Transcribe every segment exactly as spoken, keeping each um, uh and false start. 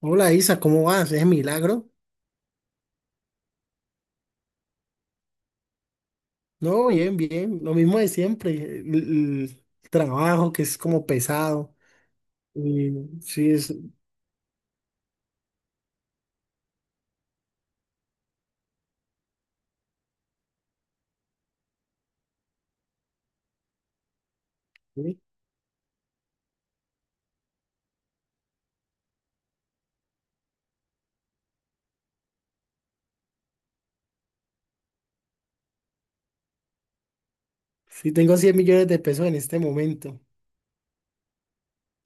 Hola Isa, ¿cómo vas? ¿Es milagro? No, bien, bien, lo mismo de siempre, el, el trabajo que es como pesado. Y sí, es, sí, sí tengo cien millones de pesos en este momento.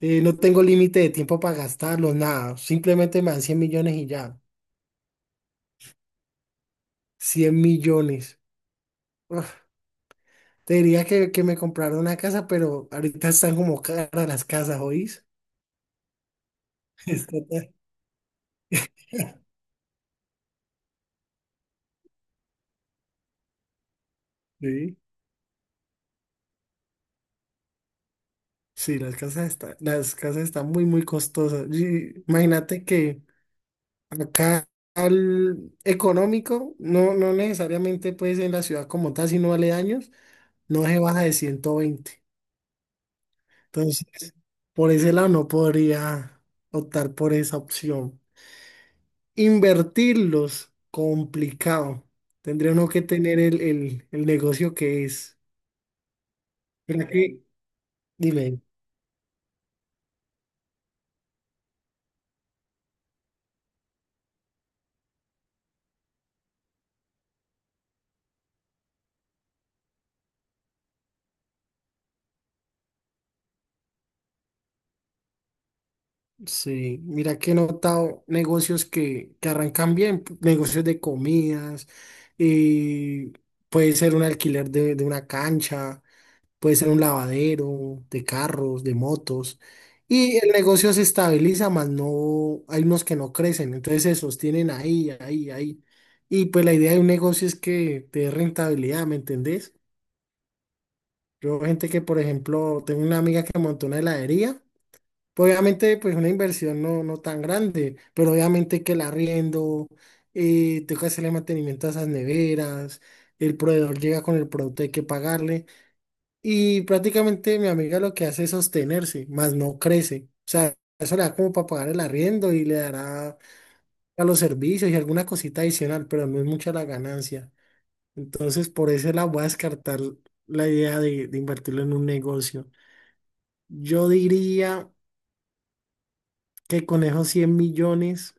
Eh, no tengo límite de tiempo para gastarlos, nada, simplemente me dan cien millones y ya. Cien millones. Uf, te diría que, que me compraron una casa, pero ahorita están como caras las casas, ¿oís? Está tan- Sí, sí, las casas están, las casas están muy, muy costosas. Y Imagínate que acá al económico, no, no necesariamente pues en la ciudad como tal, sino aledaños, no se baja de ciento veinte. Entonces, por ese lado no podría optar por esa opción. Invertirlos, complicado. Tendría uno que tener el, el- el negocio que es. ¿Verdad que? Dime. Sí, mira que he notado negocios que, que arrancan bien, p- negocios de comidas, y puede ser un alquiler de, de una cancha, puede ser un lavadero de carros, de motos, y el negocio se estabiliza, más no, hay unos que no crecen, entonces se sostienen ahí, ahí, ahí. Y pues la idea de un negocio es que te dé rentabilidad, ¿me entendés? Yo, gente que, por ejemplo, tengo una amiga que montó una heladería. Pues obviamente, pues una inversión no, no tan grande, pero obviamente que el arriendo, eh, tengo que hacerle mantenimiento a esas neveras, el proveedor llega con el producto, hay que pagarle, y prácticamente mi amiga lo que hace es sostenerse, más no crece. O sea, eso le da como para pagar el arriendo y le dará a los servicios y alguna cosita adicional, pero no es mucha la ganancia. Entonces, por eso la voy a descartar la idea de, de invertirlo en un negocio. Yo diría que con esos cien millones.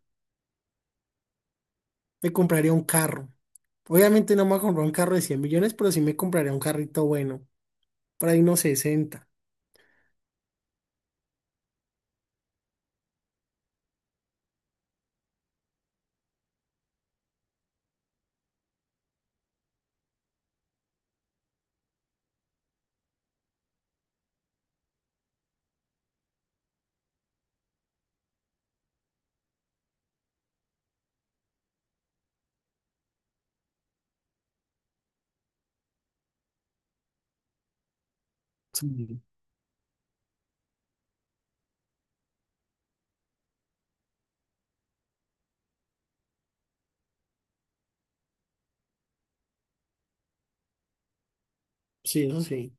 Me compraría un carro. Obviamente no me voy a comprar un carro de cien millones, pero sí me compraría un carrito bueno. Por ahí unos sesenta. Sí. Sí, eso sí.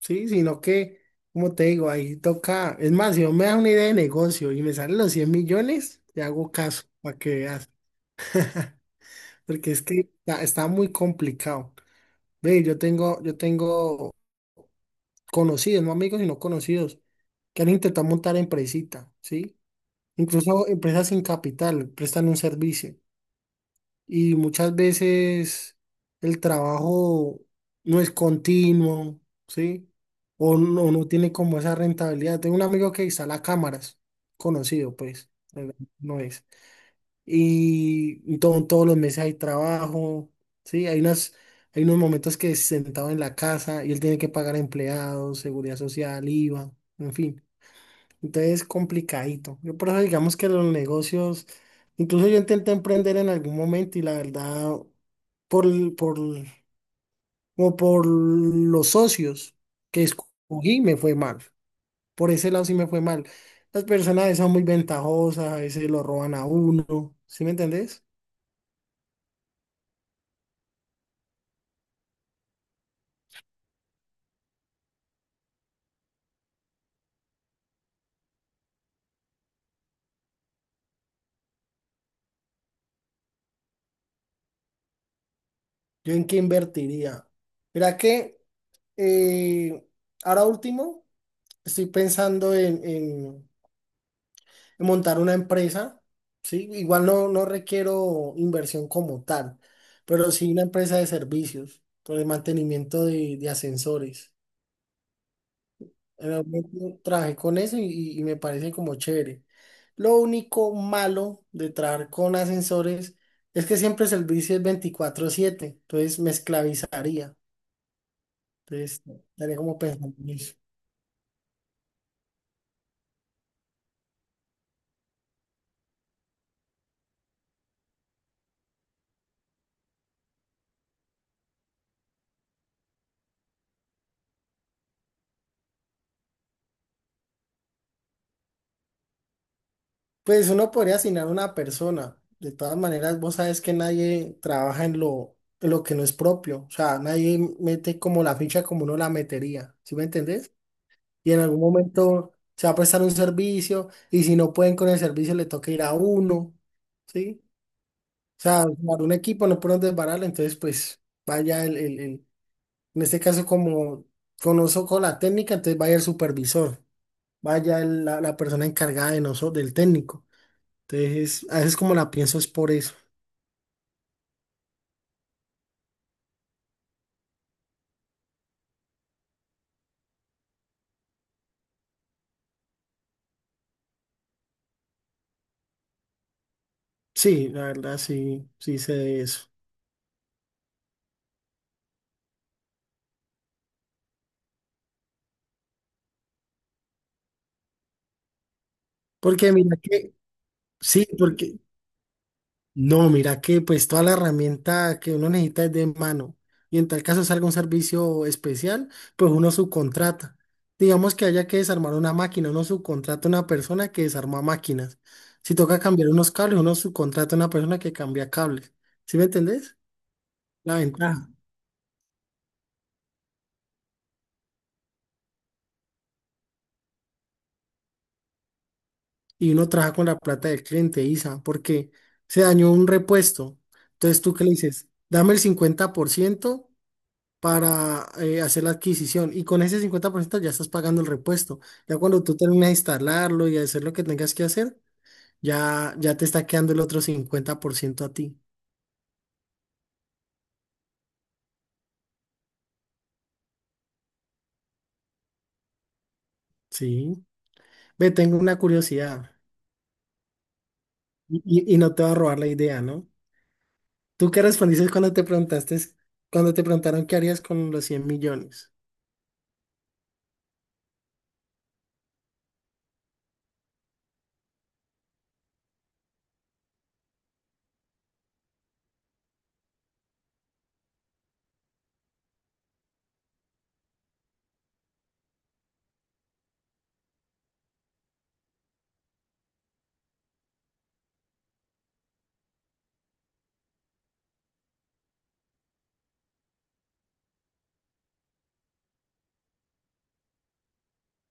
Sí, sino que, como te digo, ahí toca. Es más, si no me das una idea de negocio y me salen los cien millones, te hago caso para que veas. Porque es que está, está muy complicado. Ve, yo tengo, yo tengo conocidos, no amigos, sino conocidos, que han intentado montar empresita, ¿sí? Incluso empresas sin capital, prestan un servicio. Y muchas veces el trabajo no es continuo, ¿sí? O no, no tiene como esa rentabilidad. Tengo un amigo que instala cámaras, conocido pues, pero no es. Y todo- todos los meses hay trabajo, ¿sí? Hay unas, hay unos momentos que es sentado en la casa y él tiene que pagar empleados, seguridad social, IVA, en fin. Entonces complicadito. Yo por eso digamos que los negocios, incluso yo intenté emprender en algún momento y la verdad, por, el- por, el- como por los socios que escogí, me fue mal. Por ese lado sí me fue mal. Las personas a veces son muy ventajosas, a veces lo roban a uno. ¿Sí me entendés? ¿Yo en qué invertiría? Mira que eh, ahora último estoy pensando en, en montar una empresa, ¿sí? Igual no, no requiero inversión como tal, pero sí una empresa de servicios, por el mantenimiento de, de ascensores. En algún momento trabajé con eso y, y y me parece como chévere. Lo único malo de trabajar con ascensores es que siempre el servicio es veinticuatro siete, entonces me esclavizaría. Entonces, estaría como pensando en eso. Pues uno podría asignar una persona. De todas maneras, vos sabes que nadie trabaja en lo, en lo que no es propio. O sea, nadie mete como la ficha como uno la metería. ¿Sí me entendés? Y en algún momento se va a prestar un servicio y si no pueden con el servicio le toca ir a uno. ¿Sí? O sea, armar un equipo no pueden desbararlo. Entonces, pues vaya el, el- el- en este caso como conozco con la técnica, entonces vaya el supervisor, vaya el- la, la persona encargada de nosotros, del técnico. Entonces, a veces como la pienso es por eso. Sí, la verdad, sí, sí sé de eso. Porque mira que, sí, porque, no, mira que pues toda la herramienta que uno necesita es de mano. Y en tal caso salga un servicio especial, pues uno subcontrata. Digamos que haya que desarmar una máquina, uno subcontrata a una persona que desarma máquinas. Si toca cambiar unos cables, uno subcontrata a una persona que cambia cables. ¿Sí me entendés? La ventaja. Y uno trabaja con la plata del cliente, Isa, porque se dañó un repuesto. Entonces, ¿tú qué le dices? Dame el cincuenta por ciento para eh, hacer la adquisición y con ese cincuenta por ciento ya estás pagando el repuesto. Ya cuando tú terminas de instalarlo y hacer lo que tengas que hacer, ya, ya te está quedando el otro cincuenta por ciento a ti. Sí. Ve, tengo una curiosidad y, y- y no te va a robar la idea, ¿no? ¿Tú qué respondiste cuando te preguntaste, cuando te preguntaron qué harías con los cien millones?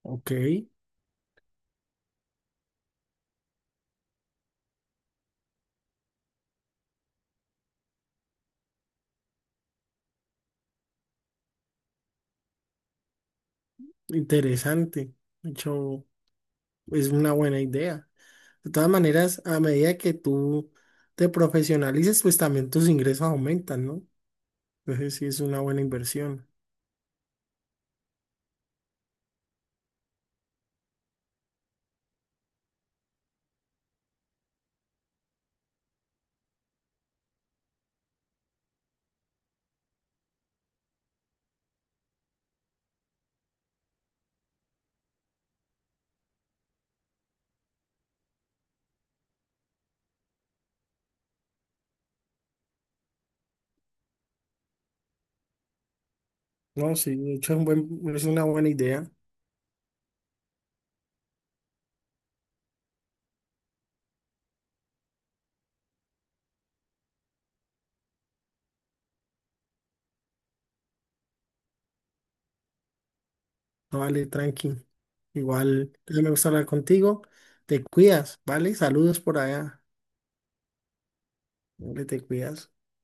Ok. Interesante. De hecho, es una buena idea. De todas maneras, a medida que tú te profesionalices, pues también tus ingresos aumentan, ¿no? Entonces sí es una buena inversión. No, sí, de hecho es un buen- es una buena idea. No, vale, tranqui. Igual, me gusta hablar contigo. Te cuidas, ¿vale? Saludos por allá. hombre te cuidas.